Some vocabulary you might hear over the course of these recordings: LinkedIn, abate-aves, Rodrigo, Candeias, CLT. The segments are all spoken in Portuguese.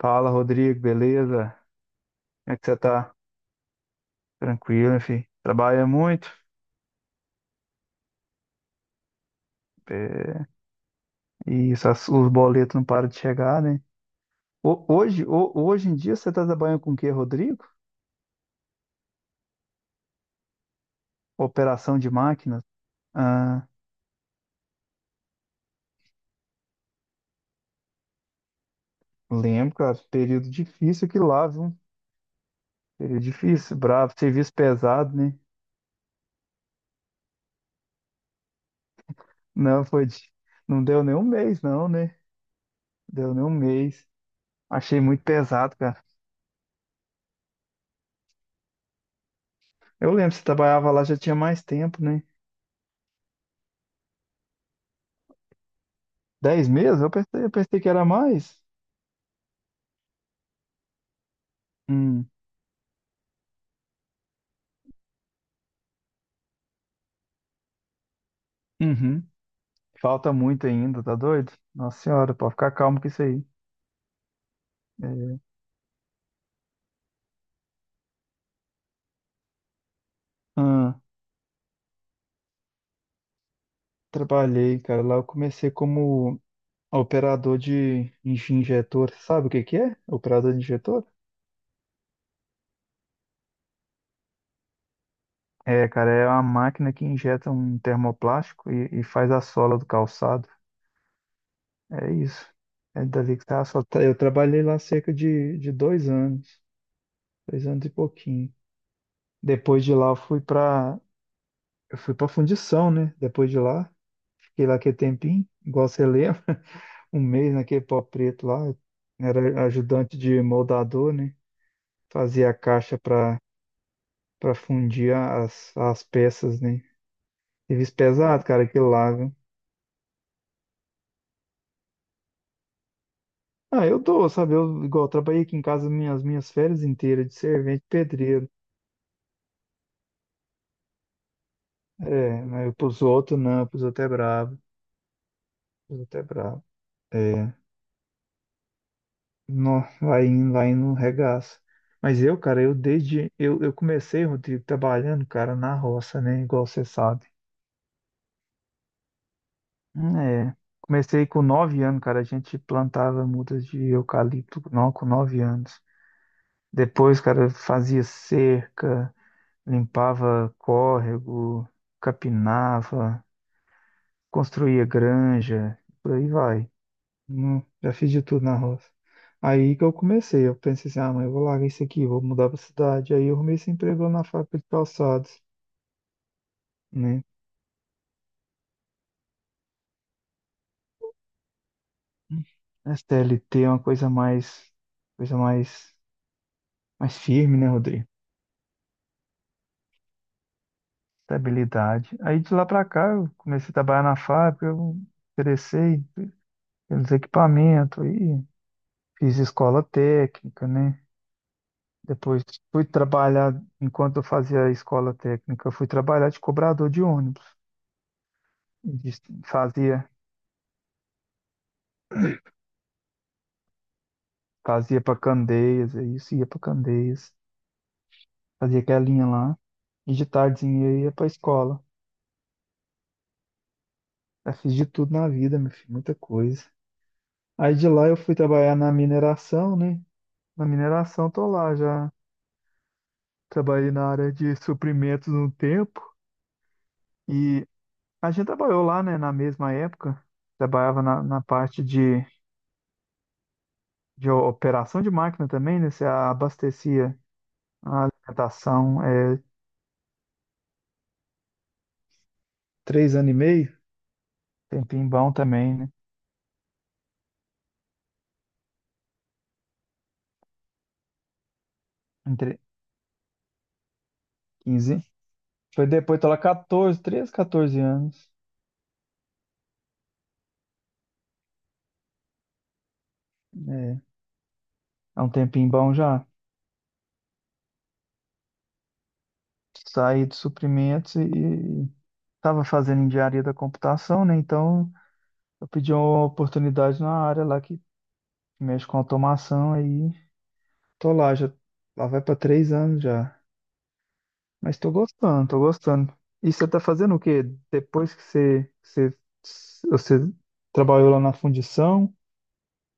Fala, Rodrigo, beleza? Como é que você tá? Tranquilo, filho. Trabalha muito. É, e isso, os boletos não param de chegar, né? Hoje em dia você tá trabalhando com o quê, Rodrigo? Operação de máquinas? Ah, Lembro, cara. Período difícil que lá, viu? Período difícil, bravo, serviço pesado, né? Não, foi. Não deu nem um mês, não, né? Deu nem um mês. Achei muito pesado, cara. Eu lembro, você trabalhava lá já tinha mais tempo, né? Dez meses? Eu pensei que era mais. Hum. Uhum. Falta muito ainda, tá doido? Nossa senhora, pode ficar calmo com isso aí. É. Ah, Trabalhei, cara. Lá eu comecei como operador de injetor. Sabe o que que é? Operador de injetor? É, cara, é uma máquina que injeta um termoplástico e faz a sola do calçado. É isso. É dali que tá. Eu trabalhei lá cerca de dois anos e pouquinho. Depois de lá eu fui pra fundição, né? Depois de lá, fiquei lá aquele tempinho, igual você lembra. Um mês naquele pau preto lá, era ajudante de moldador, né? Fazia a caixa para fundir as, as peças, né? Serviço pesado, cara, aquilo lá, viu? Ah, eu dou, sabe? Eu, igual, eu trabalhei aqui em casa minhas, minhas férias inteiras de servente pedreiro. É, mas pros outros não, pros outros é brabo, pros outros é brabo. É, não, vai indo, um regaço. Mas eu, cara, eu comecei, Rodrigo, trabalhando, cara, na roça, né? Igual você sabe. É, comecei com nove anos, cara. A gente plantava mudas de eucalipto não, com nove anos. Depois, cara, fazia cerca, limpava córrego, capinava, construía granja, por aí vai. Já fiz de tudo na roça. Aí que eu comecei, eu pensei assim, ah, mãe, eu vou largar isso aqui, vou mudar pra cidade. Aí eu arrumei esse emprego lá na fábrica de calçados, né? A CLT é uma coisa mais, mais firme, né, Rodrigo? Estabilidade. Aí de lá pra cá eu comecei a trabalhar na fábrica, eu interessei pelos equipamentos, aí fiz escola técnica, né? Depois fui trabalhar, enquanto eu fazia a escola técnica, eu fui trabalhar de cobrador de ônibus. De- Fazia, fazia para Candeias, é isso, ia para Candeias, fazia aquela linha lá, e de tardezinha eu ia para escola. Eu fiz de tudo na vida, meu filho, muita coisa. Aí de lá eu fui trabalhar na mineração, né? Na mineração tô lá já. Trabalhei na área de suprimentos um tempo e a gente trabalhou lá, né, na mesma época. Trabalhava na, na parte de operação de máquina também, né? Você abastecia a alimentação é, três anos e meio, tempinho bom também, né? Entre quinze. Foi depois, tô lá 14, 13, 14 anos. É, é um tempinho bom já. Saí de suprimentos e estava fazendo engenharia da computação, né? Então eu pedi uma oportunidade na área lá que com automação aí. Tô lá, já lá vai pra três anos já. Mas tô gostando, tô gostando. E você tá fazendo o quê? Depois que você trabalhou lá na fundição,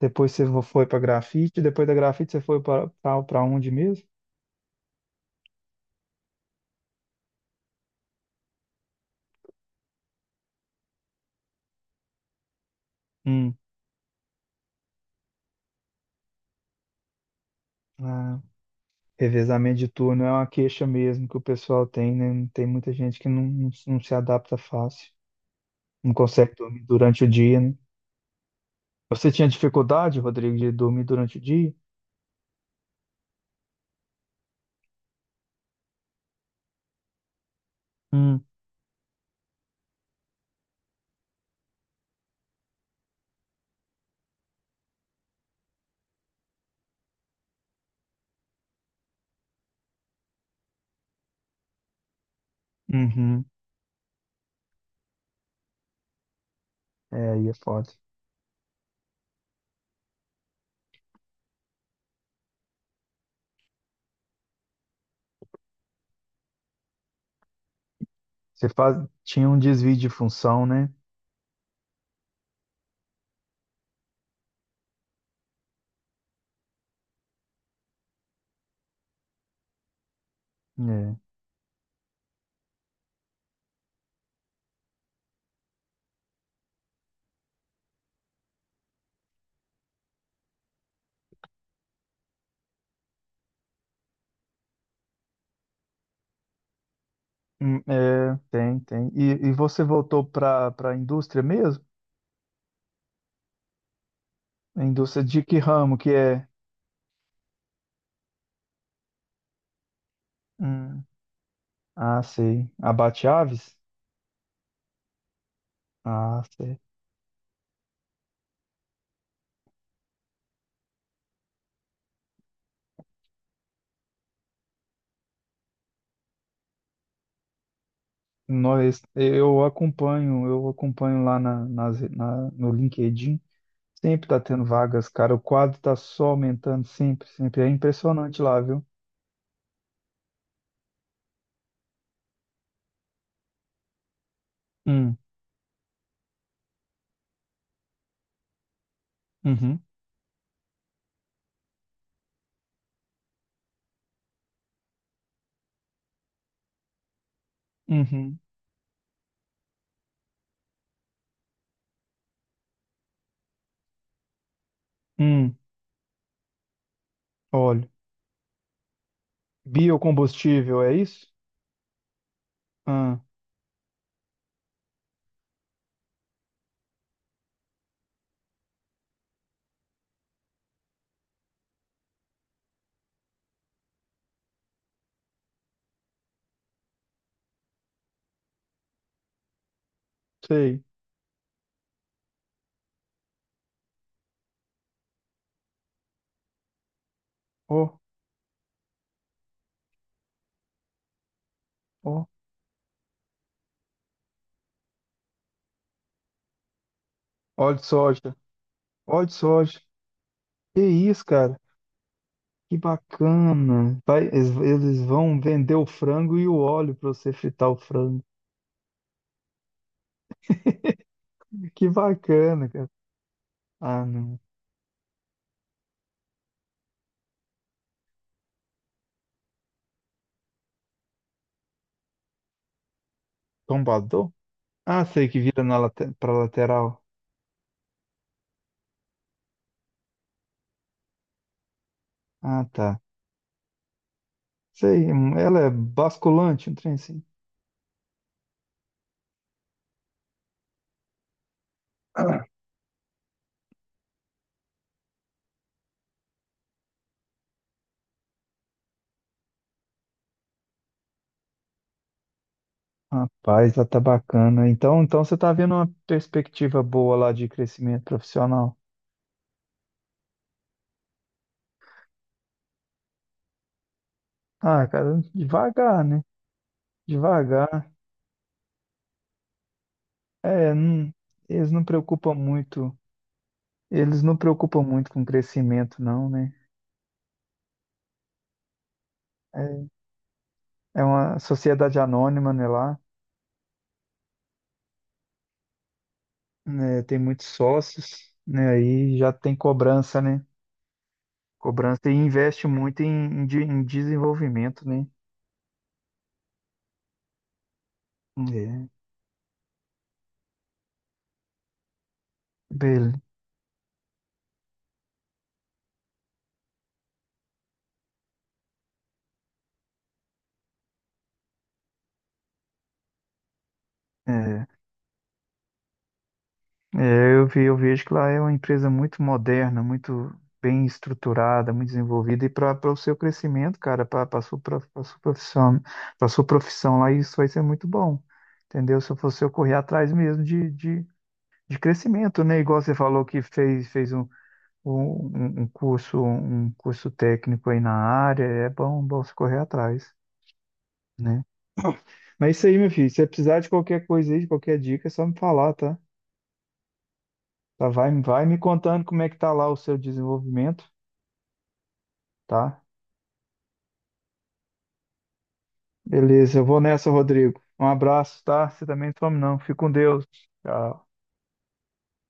depois você foi pra grafite, depois da grafite você foi pra, pra onde mesmo? Hum. Ah, revezamento de turno é uma queixa mesmo que o pessoal tem, né? Tem muita gente que não se adapta fácil, não consegue dormir durante o dia, né? Você tinha dificuldade, Rodrigo, de dormir durante o dia? Hum. Uhum. É, aí é foda. Você faz... Tinha um desvio de função, né? É, hum, é, tem, tem. E você voltou para a indústria mesmo? A indústria de que ramo que é? Hum, Ah, sei. Abate-aves? Ah, sei. Nós, eu acompanho lá na, nas- na- no LinkedIn. Sempre tá tendo vagas, cara. O quadro tá só aumentando sempre, sempre. É impressionante lá, viu? Hum, uhum, uhum, hum. Óleo. Biocombustível, é isso? Ah, sei. Ó, ó, óleo de soja. Óleo de soja. Que isso, cara? Que bacana. Vai, eles vão vender o frango e o óleo para você fritar o frango. Que bacana, cara. Ah, não. Tombador? Ah, sei que vira na late, pra lateral. Ah, tá. Sei, ela é basculante, um trem assim. Ah, rapaz, ela tá bacana. Então, então você tá vendo uma perspectiva boa lá de crescimento profissional. Ah, cara, devagar, né? Devagar. É, não- eles não preocupam muito, eles não preocupam muito com crescimento, não, né? É, é uma sociedade anônima, né, lá, né, tem muitos sócios, né, aí já tem cobrança, né? Cobrança e investe muito em, em desenvolvimento, né? É, beleza. É, eu vi, eu vejo que lá é uma empresa muito moderna, muito bem estruturada, muito desenvolvida, e para o seu crescimento, cara, para a sua, pra sua profissão, para sua profissão lá, isso vai ser muito bom, entendeu? Se eu fosse eu correr atrás mesmo de crescimento, né? Igual você falou que fez, um curso técnico aí na área, é bom, bom você correr atrás, né? Mas é isso aí, meu filho, se você precisar de qualquer coisa aí, de qualquer dica, é só me falar, tá? Tá, vai, vai me contando como é que tá lá o seu desenvolvimento, tá? Beleza, eu vou nessa, Rodrigo. Um abraço, tá? Você também some não. Fica com Deus. Tchau.